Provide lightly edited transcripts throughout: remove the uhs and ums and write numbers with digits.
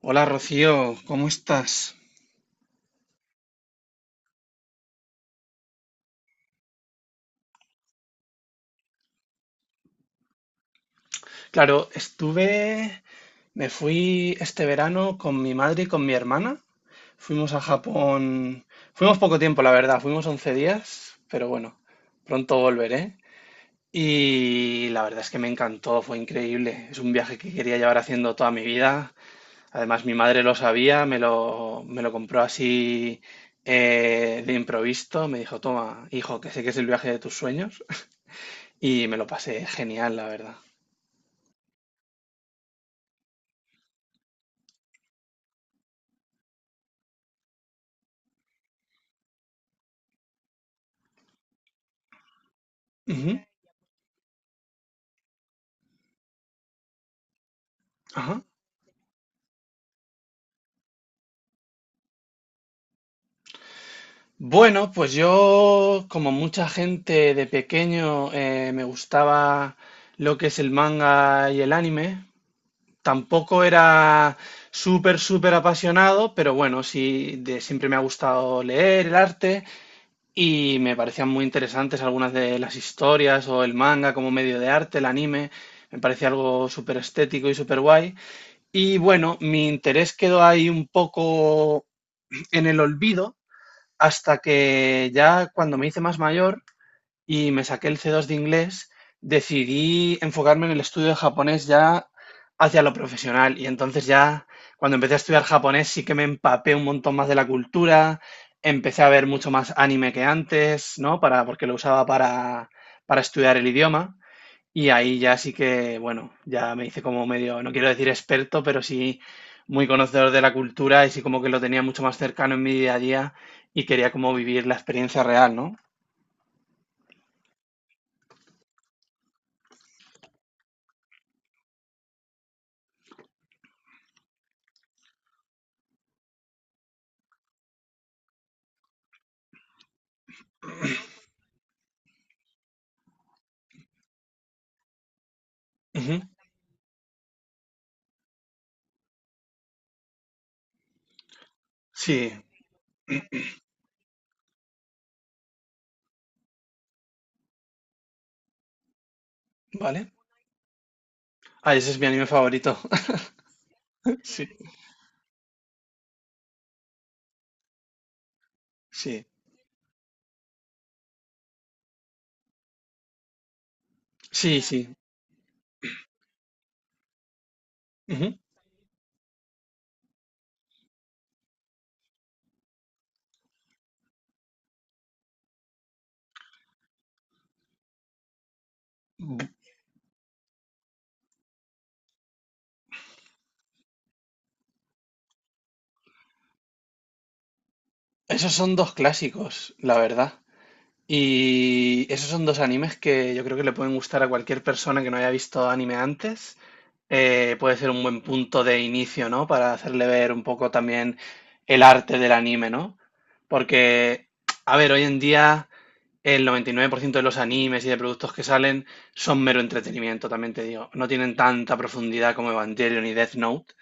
Hola Rocío, ¿cómo estás? Claro, estuve, me fui este verano con mi madre y con mi hermana. Fuimos a Japón, fuimos poco tiempo, la verdad, fuimos 11 días, pero bueno, pronto volveré. Y la verdad es que me encantó, fue increíble. Es un viaje que quería llevar haciendo toda mi vida. Además, mi madre lo sabía, me lo compró así de improviso. Me dijo, toma, hijo, que sé que es el viaje de tus sueños. Y me lo pasé genial, la verdad. Ujú, ajá. Bueno, pues yo, como mucha gente de pequeño, me gustaba lo que es el manga y el anime. Tampoco era súper, súper apasionado, pero bueno, sí, siempre me ha gustado leer el arte y me parecían muy interesantes algunas de las historias o el manga como medio de arte, el anime. Me parece algo súper estético y súper guay. Y bueno, mi interés quedó ahí un poco en el olvido hasta que ya cuando me hice más mayor y me saqué el C2 de inglés, decidí enfocarme en el estudio de japonés ya hacia lo profesional. Y entonces ya cuando empecé a estudiar japonés sí que me empapé un montón más de la cultura, empecé a ver mucho más anime que antes, ¿no? Porque lo usaba para estudiar el idioma. Y ahí ya sí que, bueno, ya me hice como medio, no quiero decir experto, pero sí muy conocedor de la cultura y sí como que lo tenía mucho más cercano en mi día a día y quería como vivir la experiencia real, ¿no? Ujú, sí, vale. Ah, ese es mi anime favorito. Sí, sí, sí, sí. Ujú. Bu- Esos son dos clásicos, la verdad. Y esos son dos animes que yo creo que le pueden gustar a cualquier persona que no haya visto anime antes. Puede ser un buen punto de inicio, ¿no? Para hacerle ver un poco también el arte del anime, ¿no? Porque, a ver, hoy en día el 99% de los animes y de productos que salen son mero entretenimiento, también te digo. No tienen tanta profundidad como Evangelion y Death Note,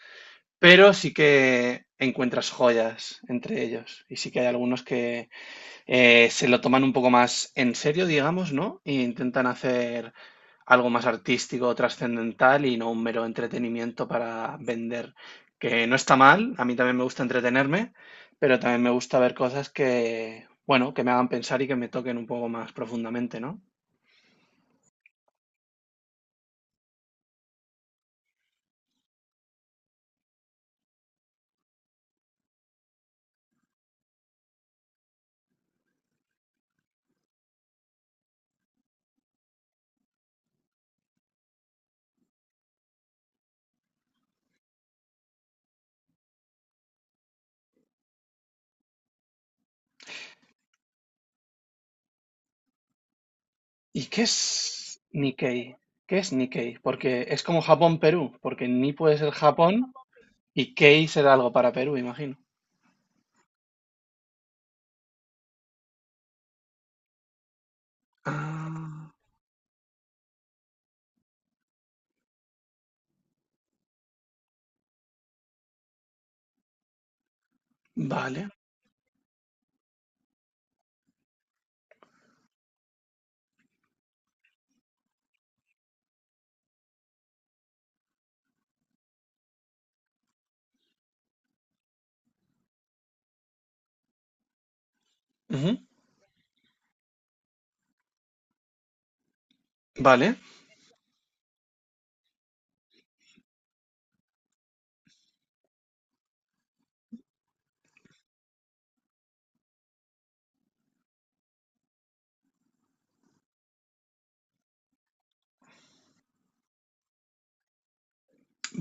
pero sí que encuentras joyas entre ellos. Y sí que hay algunos que se lo toman un poco más en serio, digamos, ¿no? E intentan hacer algo más artístico, trascendental y no un mero entretenimiento para vender, que no está mal, a mí también me gusta entretenerme, pero también me gusta ver cosas que, bueno, que me hagan pensar y que me toquen un poco más profundamente, ¿no? ¿Y qué es Nikkei? ¿Qué es Nikkei? Porque es como Japón-Perú, porque Ni puede ser Japón y Kei será algo para Perú, imagino. Ah, vale. Ujú, vale.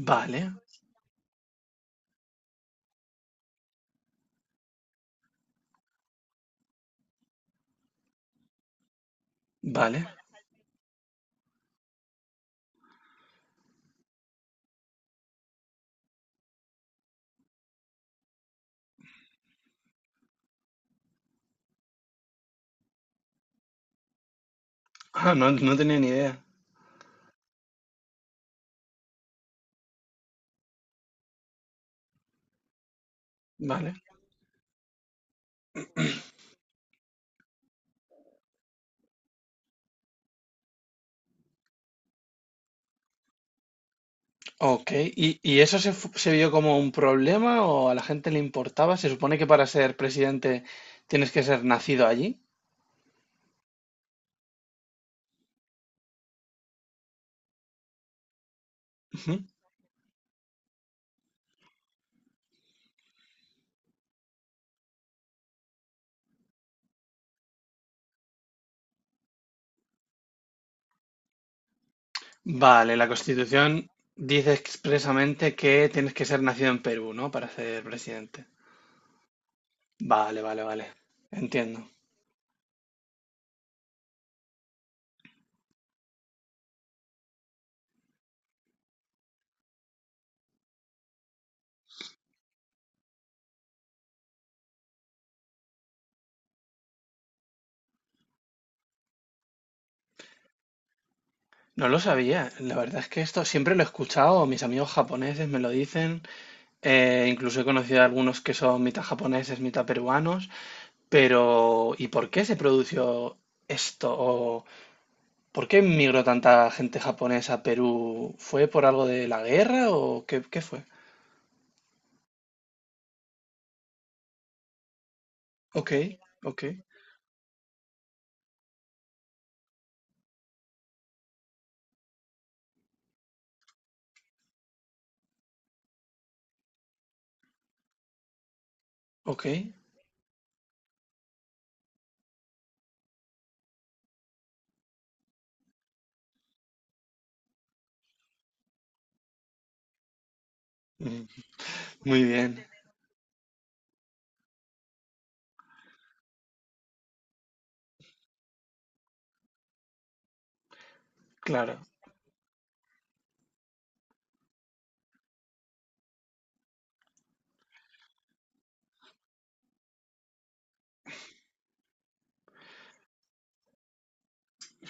Vale, vale. Ah, no, no tenía ni idea. Vale. Ok. ¿Y eso se vio como un problema o a la gente le importaba? Se supone que para ser presidente tienes que ser nacido allí. Ujú. Vale, la Constitución dice expresamente que tienes que ser nacido en Perú, ¿no? Para ser presidente. Vale, vale, vale. Entiendo. No lo sabía. La verdad es que esto siempre lo he escuchado. Mis amigos japoneses me lo dicen. Incluso he conocido a algunos que son mitad japoneses, mitad peruanos. Pero, ¿y por qué se produjo esto? ¿O por qué migró tanta gente japonesa a Perú? ¿Fue por algo de la guerra o qué fue? Ok, ok, ok. Mm, muy bien, claro.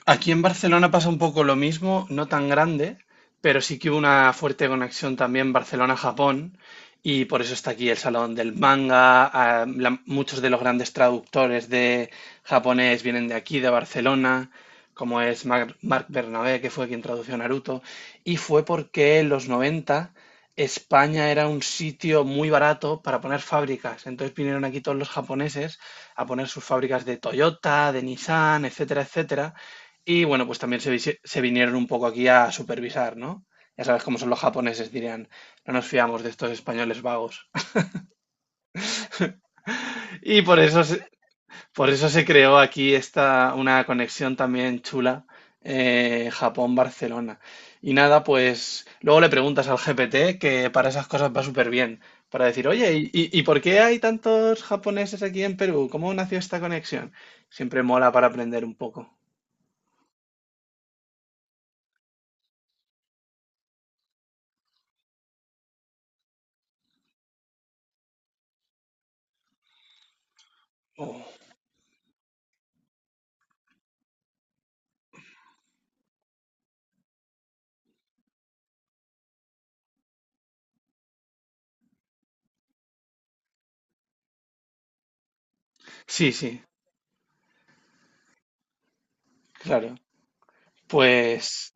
Aquí en Barcelona pasa un poco lo mismo, no tan grande, pero sí que hubo una fuerte conexión también Barcelona-Japón y por eso está aquí el Salón del Manga. Muchos de los grandes traductores de japonés vienen de aquí, de Barcelona, como es Marc Bernabé, que fue quien tradujo Naruto. Y fue porque en los 90 España era un sitio muy barato para poner fábricas. Entonces vinieron aquí todos los japoneses a poner sus fábricas de Toyota, de Nissan, etcétera, etcétera. Y bueno, pues también se vinieron un poco aquí a supervisar, ¿no? Ya sabes cómo son los japoneses, dirían, no nos fiamos de estos españoles vagos. Y por eso, por eso se creó aquí esta, una conexión también chula, Japón-Barcelona. Y nada, pues luego le preguntas al GPT que para esas cosas va súper bien, para decir, oye, ¿y por qué hay tantos japoneses aquí en Perú? ¿Cómo nació esta conexión? Siempre mola para aprender un poco. Sí, sí, claro. Pues...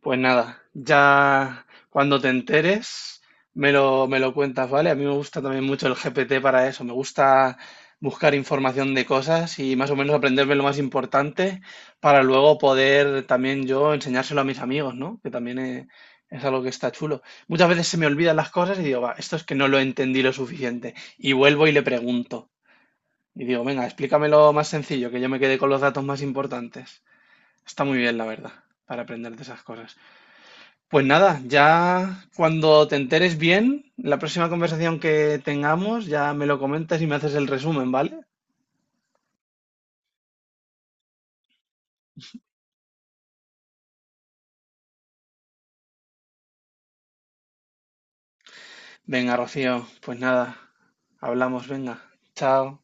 Pues nada, ya cuando te enteres me lo cuentas, ¿vale? A mí me gusta también mucho el GPT para eso, me gusta buscar información de cosas y más o menos aprenderme lo más importante para luego poder también yo enseñárselo a mis amigos, ¿no? Que también es algo que está chulo. Muchas veces se me olvidan las cosas y digo, va, esto es que no lo entendí lo suficiente. Y vuelvo y le pregunto. Y digo, venga, explícamelo más sencillo, que yo me quede con los datos más importantes. Está muy bien, la verdad, para aprender de esas cosas. Pues nada, ya cuando te enteres bien, la próxima conversación que tengamos, ya me lo comentas y me haces el resumen, ¿vale? Venga, Rocío, pues nada, hablamos, venga, chao.